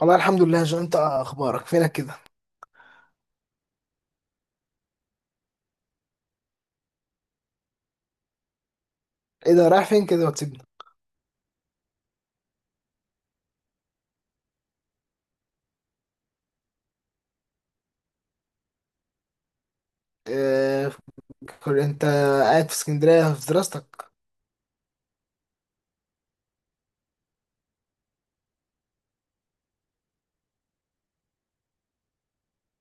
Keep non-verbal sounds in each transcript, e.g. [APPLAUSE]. والله الحمد لله يا جو، انت اخبارك؟ فينك كده؟ ايه ده رايح فين كده وتسيبني؟ اه. انت قاعد في اسكندريه في دراستك؟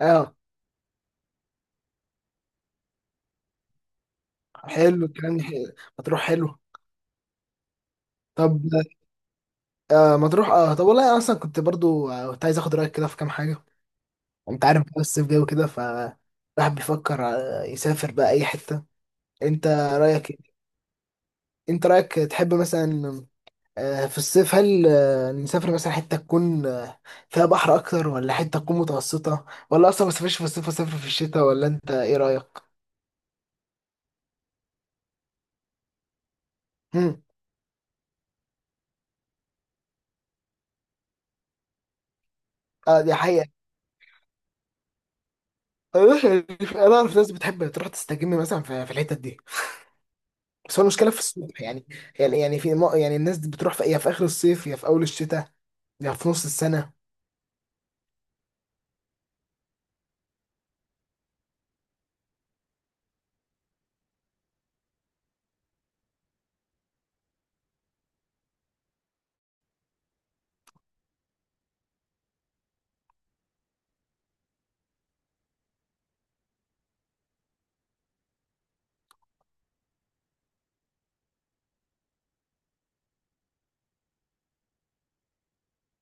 اه، حلو الكلام ده حلو. مطروح حلو. طب آه، مطروح. اه طب والله انا اصلا كنت برضو كنت عايز اخد رايك كده في كام حاجه. انت عارف بقى الصيف جاي وكده، ف الواحد بيفكر يسافر بقى اي حته. انت رايك ايه؟ انت رايك، تحب مثلا في الصيف هل نسافر مثلا حتة تكون فيها بحر أكتر، ولا حتة تكون متوسطة، ولا أصلا ما سافرش في الصيف وسافر في الشتاء، ولا أنت إيه رأيك؟ مم. آه دي حقيقة. [LAUGHS] أنا أعرف ناس بتحب تروح تستجم مثلا في الحتت دي. بس هو المشكلة في الصيف، يعني يعني يعني الناس دي بتروح، في يا في آخر الصيف يا في أول الشتاء يا في نص السنة.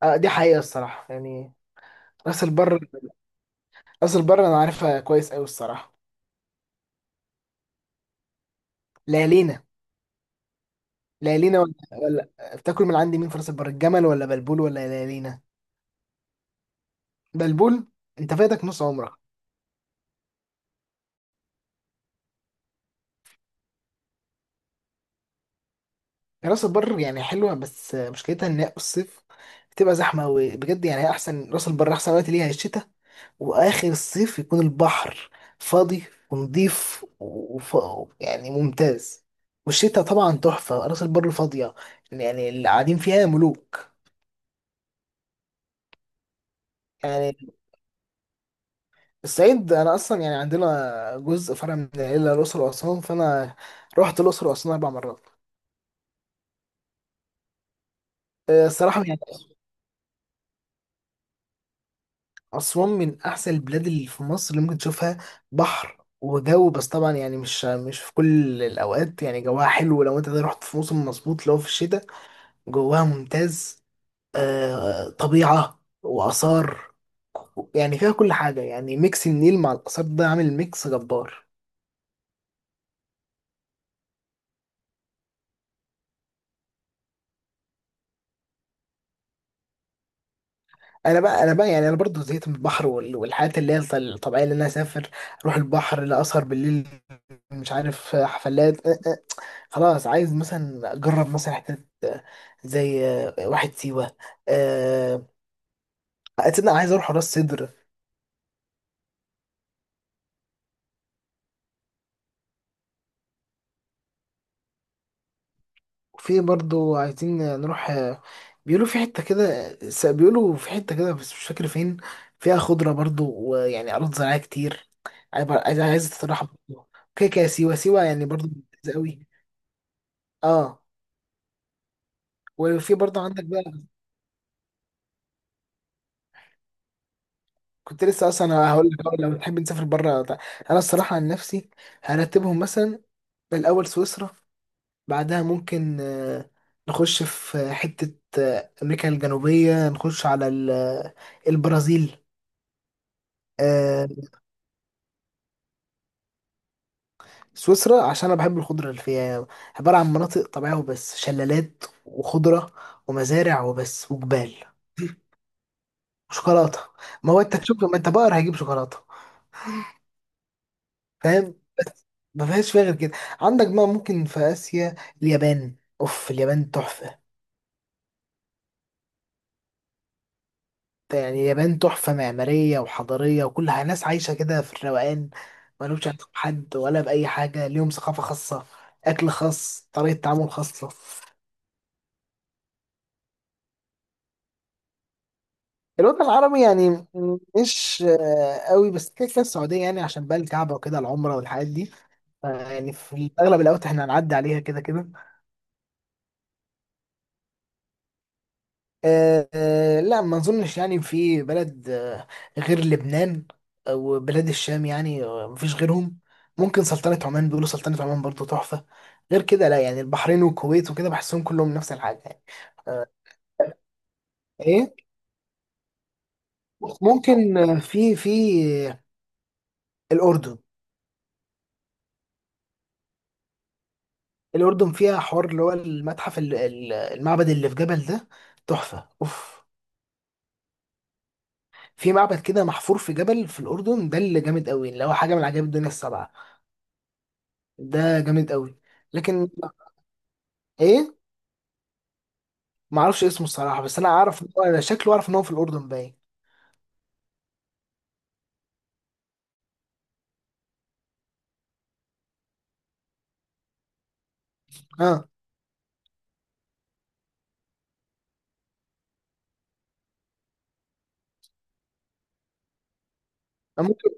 آه دي حقيقة الصراحة يعني. راس البر. راس البر أنا عارفها كويس أوي الصراحة. ليالينا. ليالينا ولا بتاكل من عندي مين في راس البر، الجمل ولا بلبول ولا ليالينا؟ بلبول. انت فاتك نص عمرك. راس البر يعني حلوه، بس مشكلتها ان هي الصيف بتبقى زحمه قوي بجد، يعني هي احسن، راس البر احسن وقت ليها الشتاء. واخر الصيف يكون البحر فاضي ونضيف يعني ممتاز. والشتاء طبعا تحفه، راس البر فاضيه، يعني اللي قاعدين فيها ملوك. يعني الصعيد، انا اصلا يعني عندنا جزء فرع من العيله، الاقصر واسوان، فانا رحت الاقصر واسوان 4 مرات. الصراحه يعني اسوان من احسن البلاد اللي في مصر اللي ممكن تشوفها. بحر وجو، بس طبعا يعني مش في كل الاوقات، يعني جواها حلو لو انت رحت في موسم مظبوط، لو في الشتاء جواها ممتاز. طبيعه واثار، يعني فيها كل حاجه، يعني ميكس النيل مع الاثار ده عامل ميكس جبار. انا بقى يعني انا برضو زهقت من البحر والحاجات اللي هي الطبيعيه، اللي انا اسافر اروح البحر، لا اسهر بالليل، مش عارف، حفلات، خلاص عايز مثلا اجرب مثلا حتت زي واحد سيوه. آه، اتصدق عايز اروح راس سدر. وفي برضو عايزين نروح بيقولوا في حته كده، بيقولوا في حته كده بس مش فاكر فين، فيها خضره برضو ويعني ارض زراعيه كتير. عايز استراحه برضو. كده كده سيوه سيوه يعني برضو. لذيذة قوي. اه. وفي برضه عندك بقى، كنت لسه اصلا هقول لك أه، لو تحب نسافر بره. انا الصراحه عن نفسي هرتبهم مثلا، الاول سويسرا، بعدها ممكن نخش في حته امريكا الجنوبيه، نخش على البرازيل. آه، سويسرا عشان انا بحب الخضره اللي فيها، عباره عن مناطق طبيعيه وبس، شلالات وخضره ومزارع وبس وجبال وشوكولاته. ما هو انت تشوف، ما انت بقر، هجيب شوكولاته. فاهم، بس ما فيهاش، فيها غير كده. عندك بقى ممكن في آسيا، اليابان. اوف اليابان تحفة، يعني اليابان تحفة معمارية وحضارية وكل حاجة، ناس عايشة كده في الروقان، ملوش علاقة بحد ولا بأي حاجة، ليهم ثقافة خاصة، أكل خاص، طريقة تعامل خاصة. الوطن العربي يعني مش قوي، بس كده كده السعودية يعني عشان بقى الكعبة وكده، العمرة والحاجات دي، يعني في أغلب الأوقات احنا هنعدي عليها كده كده. لا ما اظنش، يعني في بلد غير لبنان، او بلاد الشام، يعني مفيش غيرهم. ممكن سلطنة عمان، بيقولوا سلطنة عمان برضو تحفة. غير كده لا، يعني البحرين والكويت وكده بحسهم كلهم نفس الحاجة يعني. ايه، ممكن في الأردن. الأردن فيها حوار، اللي هو المتحف المعبد اللي في جبل ده، تحفة اوف. في معبد كده محفور في جبل في الأردن، ده اللي جامد قوي، اللي هو حاجة من عجائب الدنيا الـ7. ده جامد قوي. لكن ايه، ما اعرفش اسمه الصراحه، بس انا عارف إن انا شكله اعرف ان هو في الاردن باين. اه ممكن.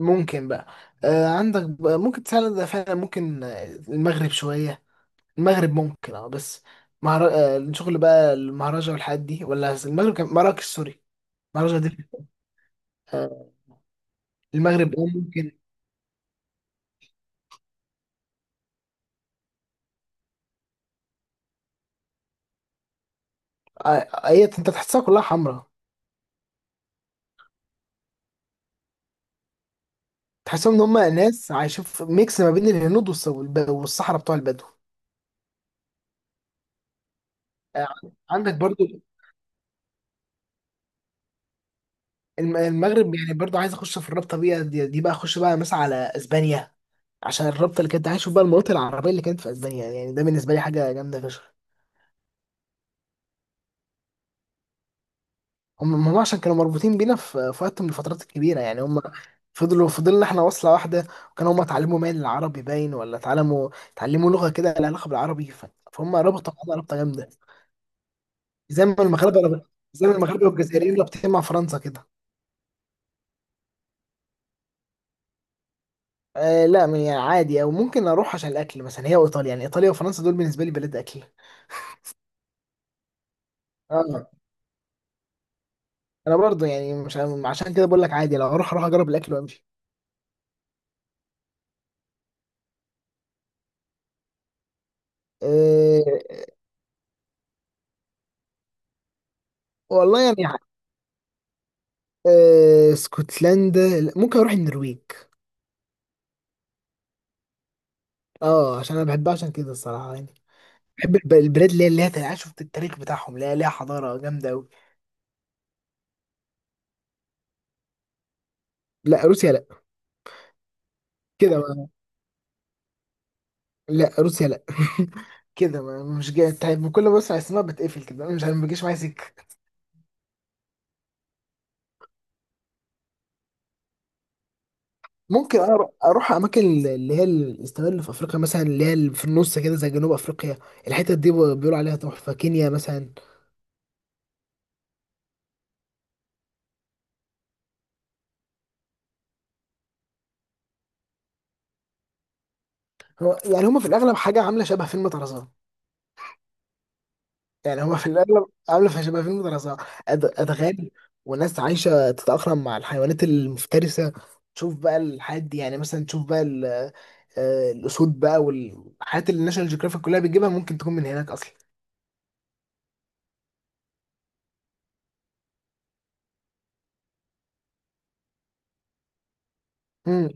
ممكن بقى. آه عندك بقى ممكن تساعد ده، فعلا ممكن المغرب شويه. المغرب ممكن اه، بس مهر... آه الشغل بقى المهرجة والحاجات دي، ولا المغرب كان مراكش سوري. مهرجة دي. آه. المغرب اه ممكن. هي انت تحسها كلها حمراء. تحسهم ان هم ناس عايشين في ميكس ما بين الهنود والصحراء بتوع البدو. آه عندك برضو المغرب يعني برضو. عايز اخش في الرابطه بيها دي, دي بقى اخش بقى مثلا على اسبانيا، عشان الرابطه اللي كانت، عايز اشوف بقى المناطق العربيه اللي كانت في اسبانيا، يعني ده بالنسبه لي حاجه جامده فشخ. هم عشان كانوا مربوطين بينا في وقت من الفترات الكبيره، يعني هم فضلوا، فضلنا احنا واصله واحده، وكانوا هم اتعلموا مال العربي باين، ولا اتعلموا، لغه كده لها علاقه بالعربي، ف فهم ربطوا معانا ربطه جامده. زي ما المغاربه رب- زي ما المغاربه والجزائريين رابطين مع فرنسا كده. آه لا، يعني عادي، او ممكن اروح عشان الاكل مثلا، هي وايطاليا، يعني ايطاليا وفرنسا دول بالنسبه لي بلاد اكل. اه انا برضه يعني مش عم- عشان كده بقول لك عادي، لو اروح اروح اجرب الاكل وامشي. أه والله يعني. أه اسكتلندا لا، ممكن اروح النرويج. اه عشان انا بحبها عشان كده الصراحه يعني. بحب البلاد اللي هي عارف، شفت التاريخ بتاعهم، لا ليها حضاره جامده قوي. لا روسيا لا. كده ما، لا روسيا لا. [LAUGHS] كده ما مش جاي. طيب كل ما بسمع اسمها بتقفل كده أنا مش عارف، ما بيجيش معايا سكه. ممكن اروح اماكن اللي هي الاستوال اللي في افريقيا مثلا، اللي هي اللي في النص كده زي جنوب افريقيا، الحتت دي بيقولوا عليها تحفه، كينيا مثلا. هو يعني هم في الاغلب حاجه عامله شبه فيلم طرزان. يعني هم في الاغلب شبه فيلم طرزان، ادغال وناس عايشه تتاقلم مع الحيوانات المفترسه. تشوف بقى الحاجات دي، يعني مثلا تشوف بقى الاسود بقى والحاجات اللي ناشونال جيوغرافيك كلها بتجيبها، ممكن تكون من هناك اصلا. مم.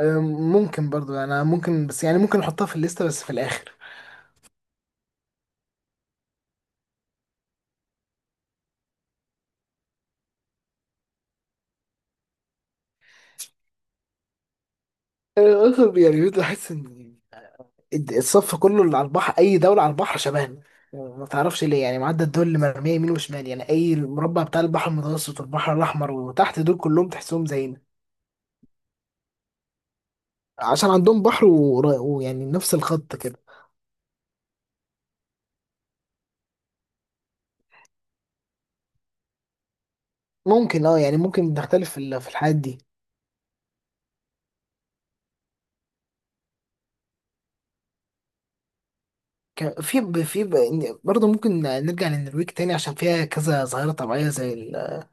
ممكن برضو انا ممكن، بس يعني ممكن احطها في الليسته بس في الاخر. أنا اصلا يعني كنت بحس ان الصف كله اللي على البحر، اي دوله على البحر شبهنا. ما تعرفش ليه، يعني معدى الدول اللي مرميه يمين وشمال، يعني اي المربع بتاع البحر المتوسط والبحر الاحمر وتحت، دول كلهم تحسهم زينا. عشان عندهم بحر، ويعني نفس الخط كده. ممكن اه، يعني ممكن نختلف في الحاجات دي. برضه ممكن نرجع للنرويج تاني، عشان فيها كذا ظاهرة طبيعية زي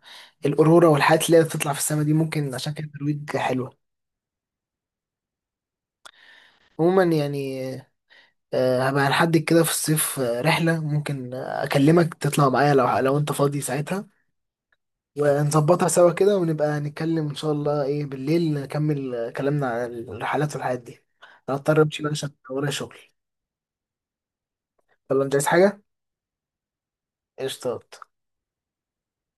الأورورا، والحاجات اللي هي بتطلع في السماء دي، ممكن عشان كده النرويج حلوة. عموما يعني هبقى هنحدد كده في الصيف رحلة، ممكن أكلمك تطلع معايا، لو لو أنت فاضي ساعتها، ونظبطها سوا كده، ونبقى نتكلم إن شاء الله إيه بالليل، نكمل كلامنا عن الرحلات والحاجات دي. أنا هضطر أمشي بقى عشان ورايا شغل. يلا مش عايز حاجة؟ قشطات.